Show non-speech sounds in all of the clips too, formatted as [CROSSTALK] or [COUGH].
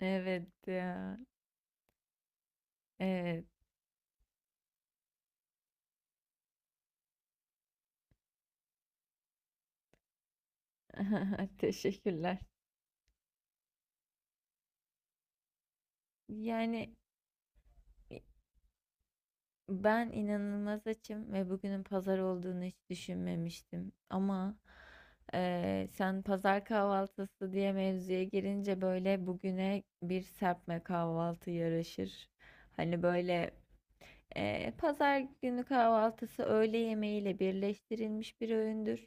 Evet ya. Evet. [LAUGHS] Teşekkürler. Yani ben inanılmaz açım ve bugünün pazar olduğunu hiç düşünmemiştim. Ama sen pazar kahvaltısı diye mevzuya girince böyle bugüne bir serpme kahvaltı yaraşır. Hani böyle pazar günü kahvaltısı öğle yemeğiyle birleştirilmiş bir öğündür.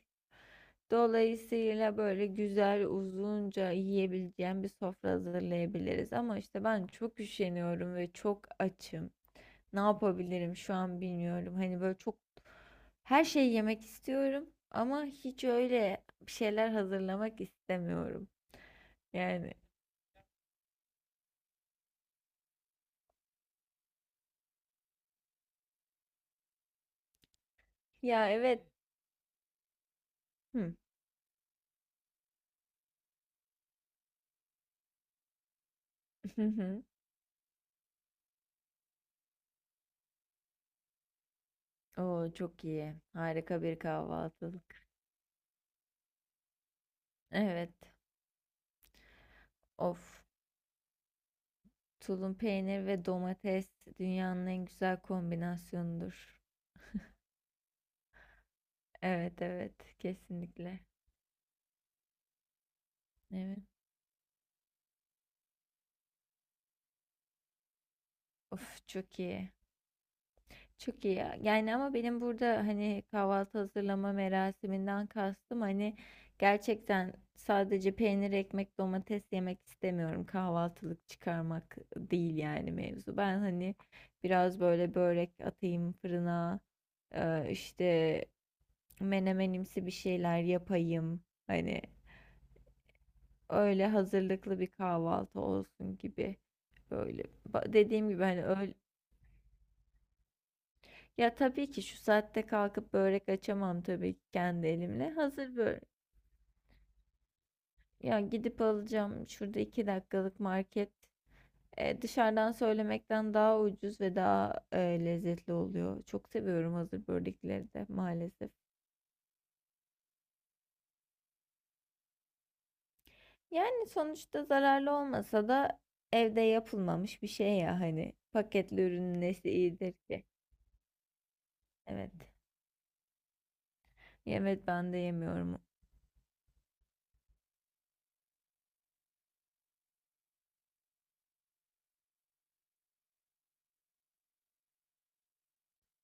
Dolayısıyla böyle güzel uzunca yiyebileceğim bir sofra hazırlayabiliriz. Ama işte ben çok üşeniyorum ve çok açım. Ne yapabilirim şu an bilmiyorum. Hani böyle çok her şeyi yemek istiyorum ama hiç öyle bir şeyler hazırlamak istemiyorum. Yani ya, evet. Hmm. [LAUGHS] Oo, çok iyi. Harika bir kahvaltılık. Evet. Of, tulum peynir ve domates dünyanın en güzel kombinasyonudur. Evet, evet, kesinlikle. Evet. Of, çok iyi. Çok iyi ya. Yani ama benim burada hani kahvaltı hazırlama merasiminden kastım hani gerçekten sadece peynir, ekmek, domates yemek istemiyorum. Kahvaltılık çıkarmak değil yani mevzu. Ben hani biraz böyle börek atayım fırına. İşte menemenimsi bir şeyler yapayım. Hani öyle hazırlıklı bir kahvaltı olsun gibi böyle. Dediğim gibi hani öyle ya, tabii ki şu saatte kalkıp börek açamam tabii ki kendi elimle. Hazır börek. Ya, gidip alacağım şurada iki dakikalık market. Dışarıdan söylemekten daha ucuz ve daha lezzetli oluyor. Çok seviyorum hazır börekleri de maalesef. Yani sonuçta zararlı olmasa da evde yapılmamış bir şey ya, hani paketli ürünün nesi iyidir ki? Evet. Evet, ben de yemiyorum.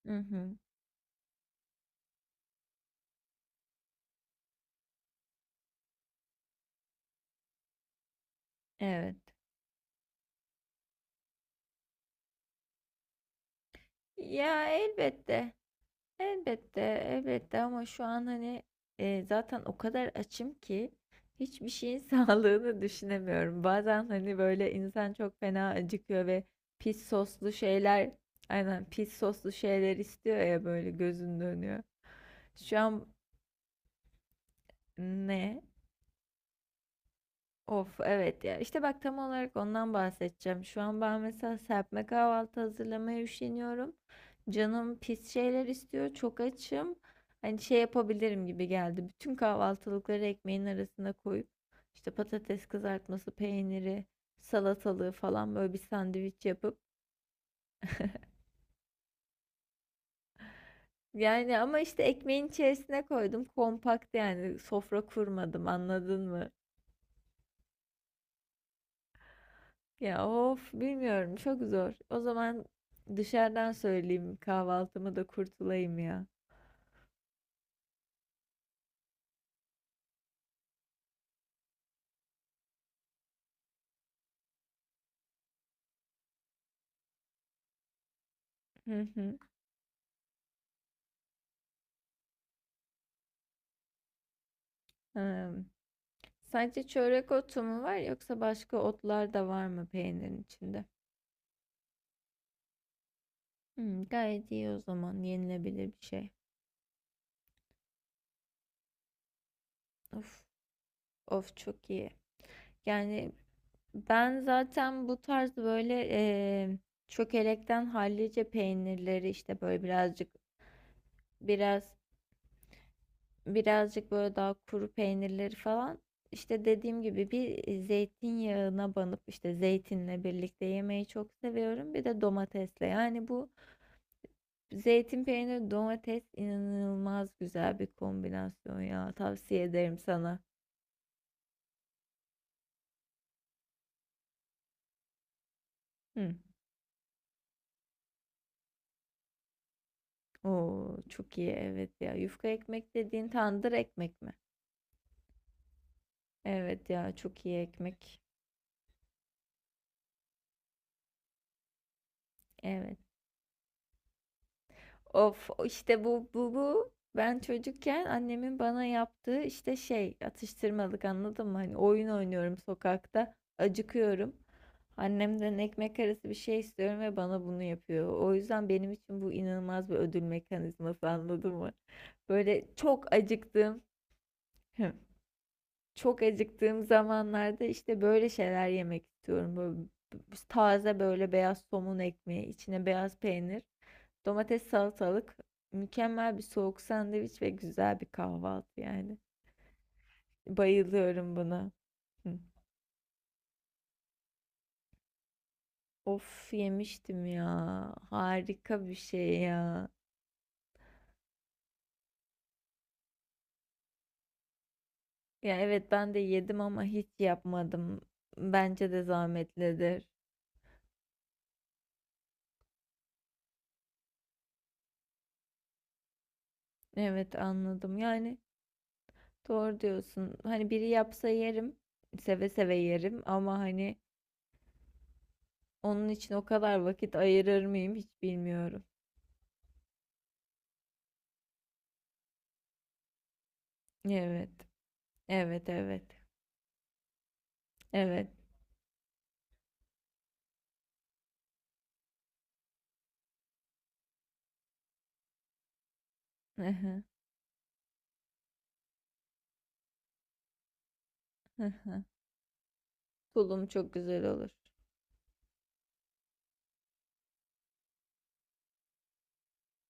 Hı hı. Evet. Ya, elbette. Elbette, elbette, ama şu an hani zaten o kadar açım ki hiçbir şeyin [LAUGHS] sağlığını düşünemiyorum. Bazen hani böyle insan çok fena acıkıyor ve pis soslu şeyler, aynen, pis soslu şeyler istiyor ya, böyle gözün dönüyor. Şu an ne? Of, evet ya, işte bak, tam olarak ondan bahsedeceğim. Şu an ben mesela serpme kahvaltı hazırlamaya üşeniyorum. Canım pis şeyler istiyor. Çok açım. Hani şey yapabilirim gibi geldi. Bütün kahvaltılıkları ekmeğin arasına koyup işte patates kızartması, peyniri, salatalığı falan böyle bir sandviç yapıp yani, ama işte ekmeğin içerisine koydum. Kompakt yani, sofra kurmadım, anladın mı? Ya of, bilmiyorum, çok zor. O zaman dışarıdan söyleyeyim kahvaltımı da kurtulayım ya. Hı hı. Hmm. Sadece çörek otu mu var yoksa başka otlar da var mı peynirin içinde? Hmm, gayet iyi, o zaman yenilebilir bir şey. Of, of, çok iyi. Yani ben zaten bu tarz böyle çökelekten hallice peynirleri işte böyle birazcık, biraz birazcık böyle daha kuru peynirleri falan işte dediğim gibi bir zeytinyağına banıp işte zeytinle birlikte yemeyi çok seviyorum. Bir de domatesle. Yani bu zeytin peyniri domates inanılmaz güzel bir kombinasyon ya. Tavsiye ederim sana. Hı. Oo, çok iyi, evet ya. Yufka ekmek dediğin tandır ekmek mi? Evet ya, çok iyi ekmek. Evet. Of, işte bu ben çocukken annemin bana yaptığı işte şey, atıştırmalık, anladın mı? Hani oyun oynuyorum sokakta, acıkıyorum. Annemden ekmek arası bir şey istiyorum ve bana bunu yapıyor. O yüzden benim için bu inanılmaz bir ödül mekanizması [LAUGHS] anladın mı? Böyle çok acıktığım [LAUGHS] çok acıktığım zamanlarda işte böyle şeyler yemek istiyorum. Böyle taze, böyle beyaz somun ekmeği, içine beyaz peynir. Domates, salatalık, mükemmel bir soğuk sandviç ve güzel bir kahvaltı yani. Bayılıyorum buna. Hı. Of, yemiştim ya. Harika bir şey ya. Ya evet, ben de yedim ama hiç yapmadım. Bence de zahmetlidir. Evet, anladım. Yani doğru diyorsun. Hani biri yapsa yerim. Seve seve yerim ama hani onun için o kadar vakit ayırır mıyım hiç bilmiyorum. Evet. Evet, evet. Evet. [LAUGHS] Tulum çok güzel olur.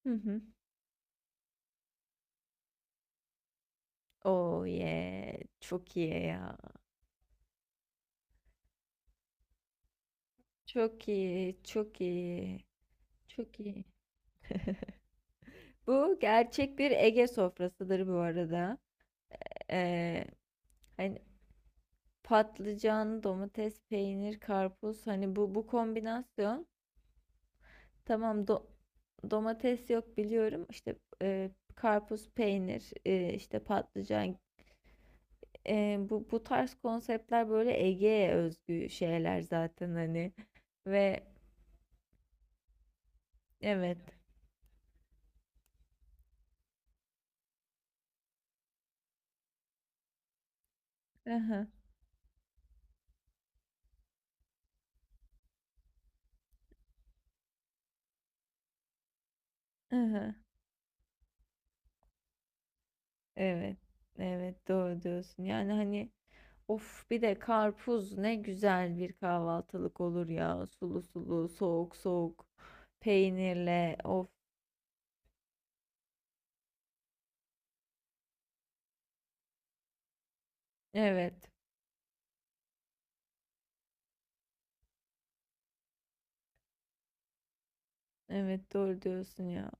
Hı hı. Oh yeah. Çok iyi ya. Çok iyi. Çok iyi. Çok iyi. Bu gerçek bir Ege sofrasıdır bu arada. Ee, hani patlıcan, domates, peynir, karpuz, hani bu kombinasyon, tamam, domates yok biliyorum. İşte karpuz, peynir, işte patlıcan, bu tarz konseptler böyle Ege'ye özgü şeyler zaten hani ve Evet. Aha, aha. Evet. Evet, doğru diyorsun. Yani hani of, bir de karpuz ne güzel bir kahvaltılık olur ya. Sulu sulu, soğuk soğuk, peynirle. Of. Evet. Evet, doğru diyorsun ya.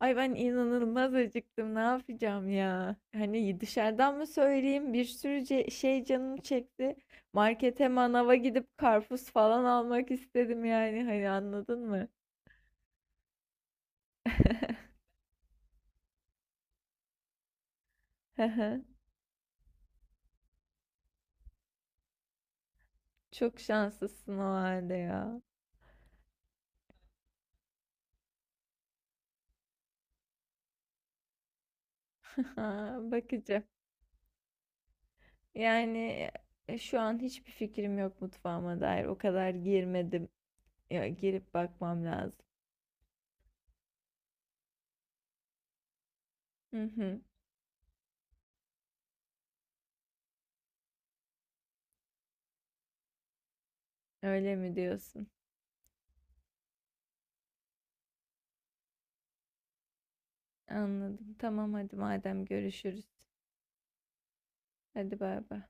Ay ben inanılmaz acıktım. Ne yapacağım ya? Hani dışarıdan mı söyleyeyim? Bir sürü şey canım çekti. Markete, manava gidip karpuz falan almak istedim yani. Hani anladın mı? [LAUGHS] Çok şanslısın o halde ya. [LAUGHS] Ha, bakacağım. Yani şu an hiçbir fikrim yok mutfağıma dair. O kadar girmedim. Ya, girip bakmam lazım. Hı hı. Öyle mi diyorsun? Anladım. Tamam, hadi madem, görüşürüz. Hadi bay bay.